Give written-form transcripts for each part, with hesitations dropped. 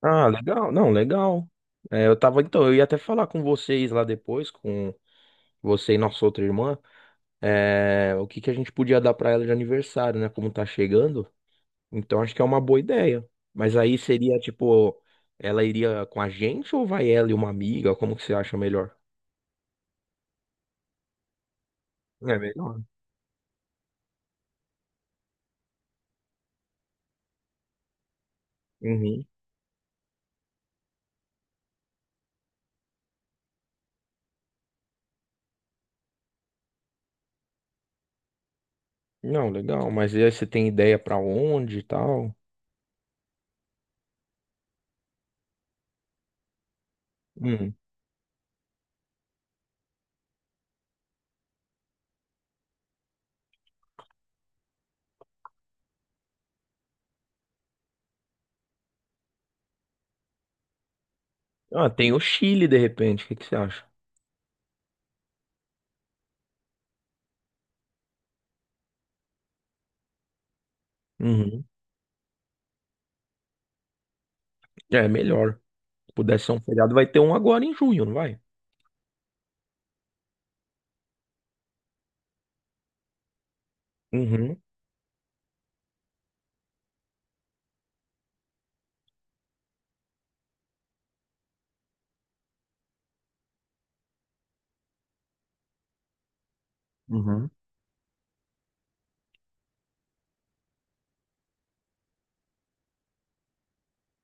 Ah, legal. Não, legal. É, então, eu ia até falar com vocês lá depois, com você e nossa outra irmã, o que que a gente podia dar pra ela de aniversário, né? Como tá chegando. Então acho que é uma boa ideia. Mas aí seria tipo, ela iria com a gente ou vai ela e uma amiga? Como que você acha melhor? É melhor. Uhum. Não, legal. Mas e aí você tem ideia pra onde e tal? Hum. Ah, tem o Chile de repente. O que que você acha? Uhum. É melhor. Se pudesse ser um feriado, vai ter um agora em junho, não vai? Uhum. Uhum.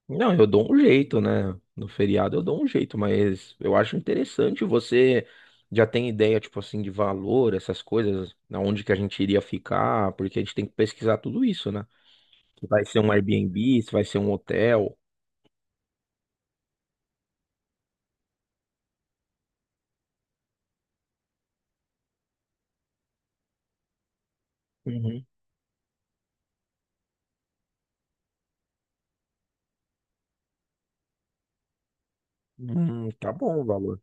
Não, eu dou um jeito, né? No feriado eu dou um jeito, mas eu acho interessante você já tem ideia, tipo assim, de valor, essas coisas, aonde que a gente iria ficar, porque a gente tem que pesquisar tudo isso, né? Se vai ser um Airbnb, se vai ser um hotel. Uhum. Tá bom o valor.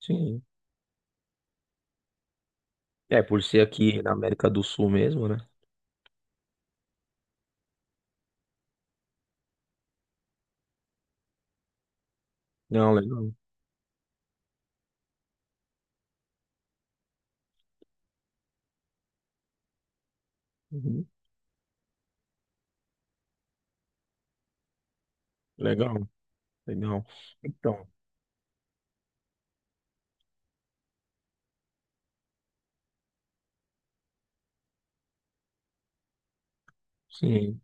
Sim. É, por ser aqui na América do Sul mesmo, né? Não, legal. Uhum. Legal, legal. Então, sim.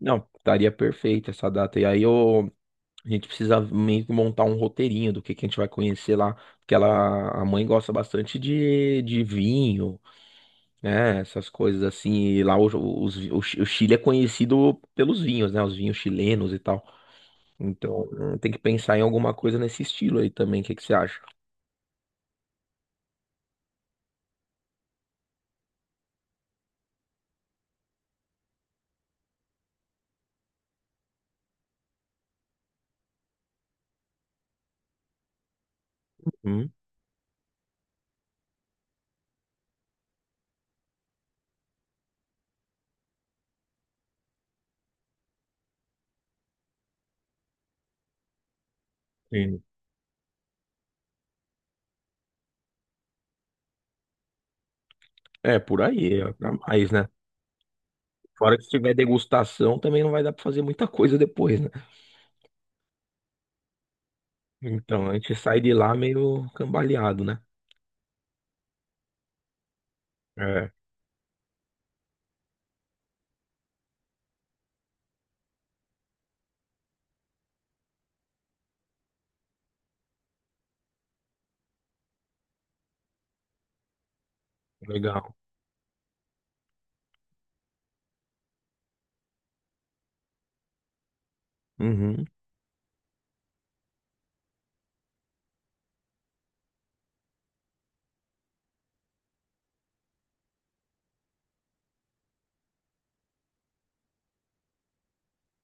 Não, estaria perfeito essa data. E aí eu A gente precisa meio que montar um roteirinho do que a gente vai conhecer lá. Porque ela, a mãe gosta bastante de vinho, né? Essas coisas assim. E lá o Chile é conhecido pelos vinhos, né? Os vinhos chilenos e tal. Então tem que pensar em alguma coisa nesse estilo aí também. O que, que você acha? Hum, sim. É, por aí, é pra mais, né? Fora que se tiver degustação, também não vai dar pra fazer muita coisa depois, né? Então a gente sai de lá meio cambaleado, né? É, legal. Uhum.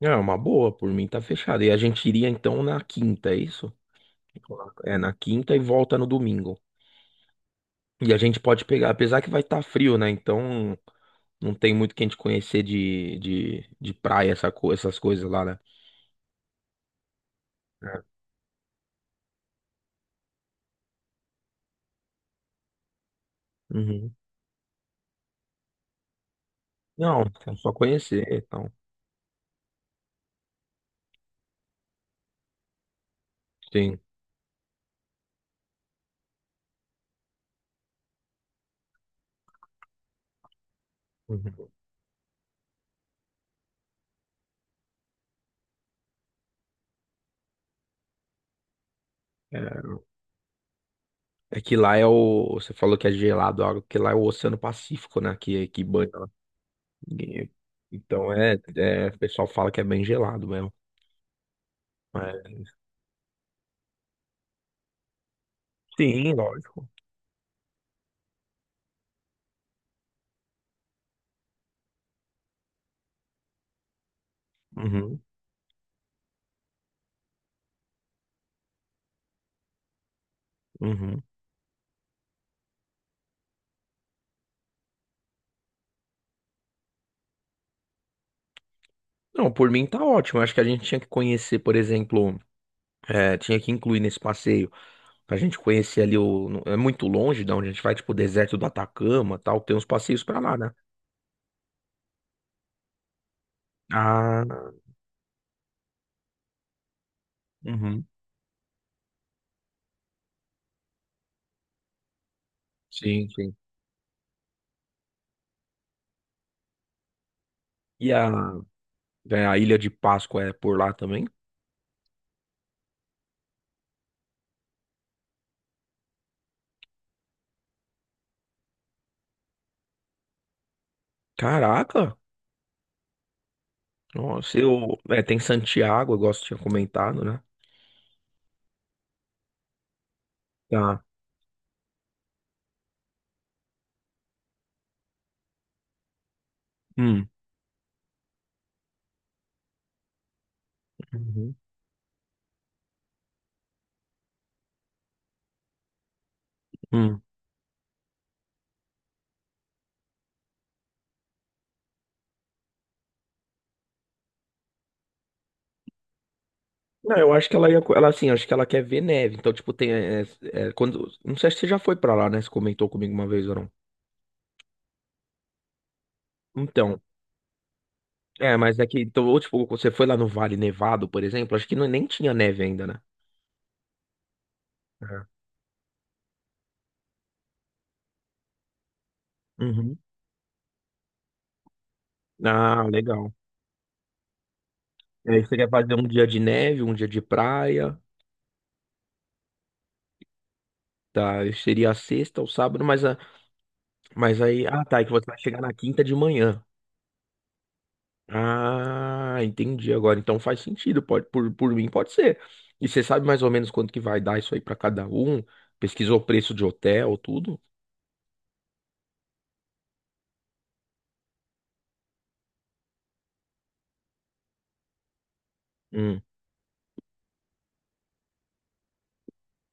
É uma boa, por mim tá fechado. E a gente iria então na quinta, é isso? É na quinta e volta no domingo. E a gente pode pegar, apesar que vai estar frio, né? Então não tem muito que a gente conhecer de praia, essas coisas lá, né? É. Uhum. Não, é só conhecer, então. Sim. Uhum. É, é que lá é o. Você falou que é gelado, a água, porque lá é o Oceano Pacífico, né? Que banha lá. E- então é. O pessoal fala que é bem gelado mesmo. É. Sim, lógico. Uhum. Uhum. Não, por mim tá ótimo. Eu acho que a gente tinha que conhecer, por exemplo, tinha que incluir nesse passeio pra gente conhecer ali o. no- É muito longe da onde a gente vai, tipo, o deserto do Atacama, tal. Tem uns passeios pra lá, né? Ah, uhum. Sim, sim. E, a Ilha de Páscoa é por lá também? Caraca! Nossa, eu. Tem Santiago, eu gosto de tinha comentado, né? Tá. Hum. Uhum. Hum. Não, eu acho que ela ia, ela assim, acho que ela quer ver neve. Então, tipo, tem quando, não sei se você já foi pra lá, né? Você comentou comigo uma vez ou não. Então, mas é que então, ou tipo, você foi lá no Vale Nevado, por exemplo, acho que não, nem tinha neve ainda, né? É. Uhum. Ah, legal. E aí você quer fazer um dia de neve, um dia de praia, tá? Seria a sexta ou sábado, mas aí, ah, tá, é que você vai chegar na quinta de manhã. Ah, entendi agora. Então faz sentido, por mim pode ser. E você sabe mais ou menos quanto que vai dar isso aí pra cada um? Pesquisou o preço de hotel, tudo? Hum,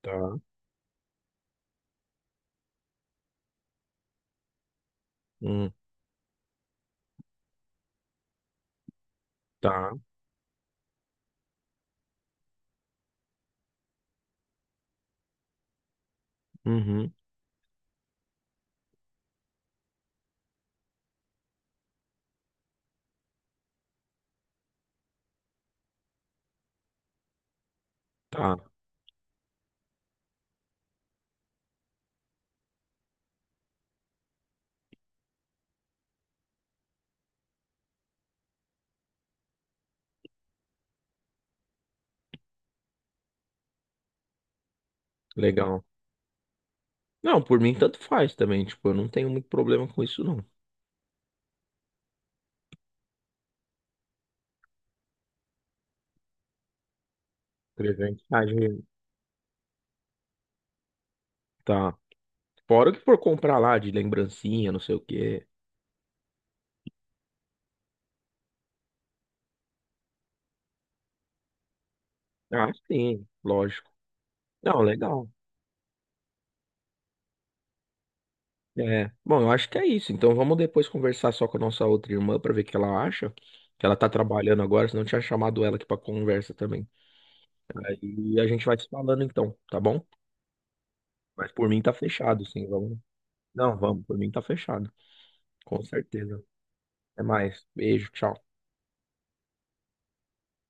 tá. Hum, tá. Uhum, tá. Legal. Não, por mim tanto faz também, tipo, eu não tenho muito problema com isso não. R$ 300 Tá. Fora o que for comprar lá de lembrancinha, não sei o quê. Ah, sim, lógico. Não, legal. É. Bom, eu acho que é isso. Então vamos depois conversar só com a nossa outra irmã para ver o que ela acha. Que ela tá trabalhando agora, senão eu tinha chamado ela aqui para conversa também. Aí a gente vai se falando então, tá bom? Mas por mim tá fechado, sim, vamos. Não, vamos, por mim tá fechado. Com certeza. Até mais. Beijo, tchau.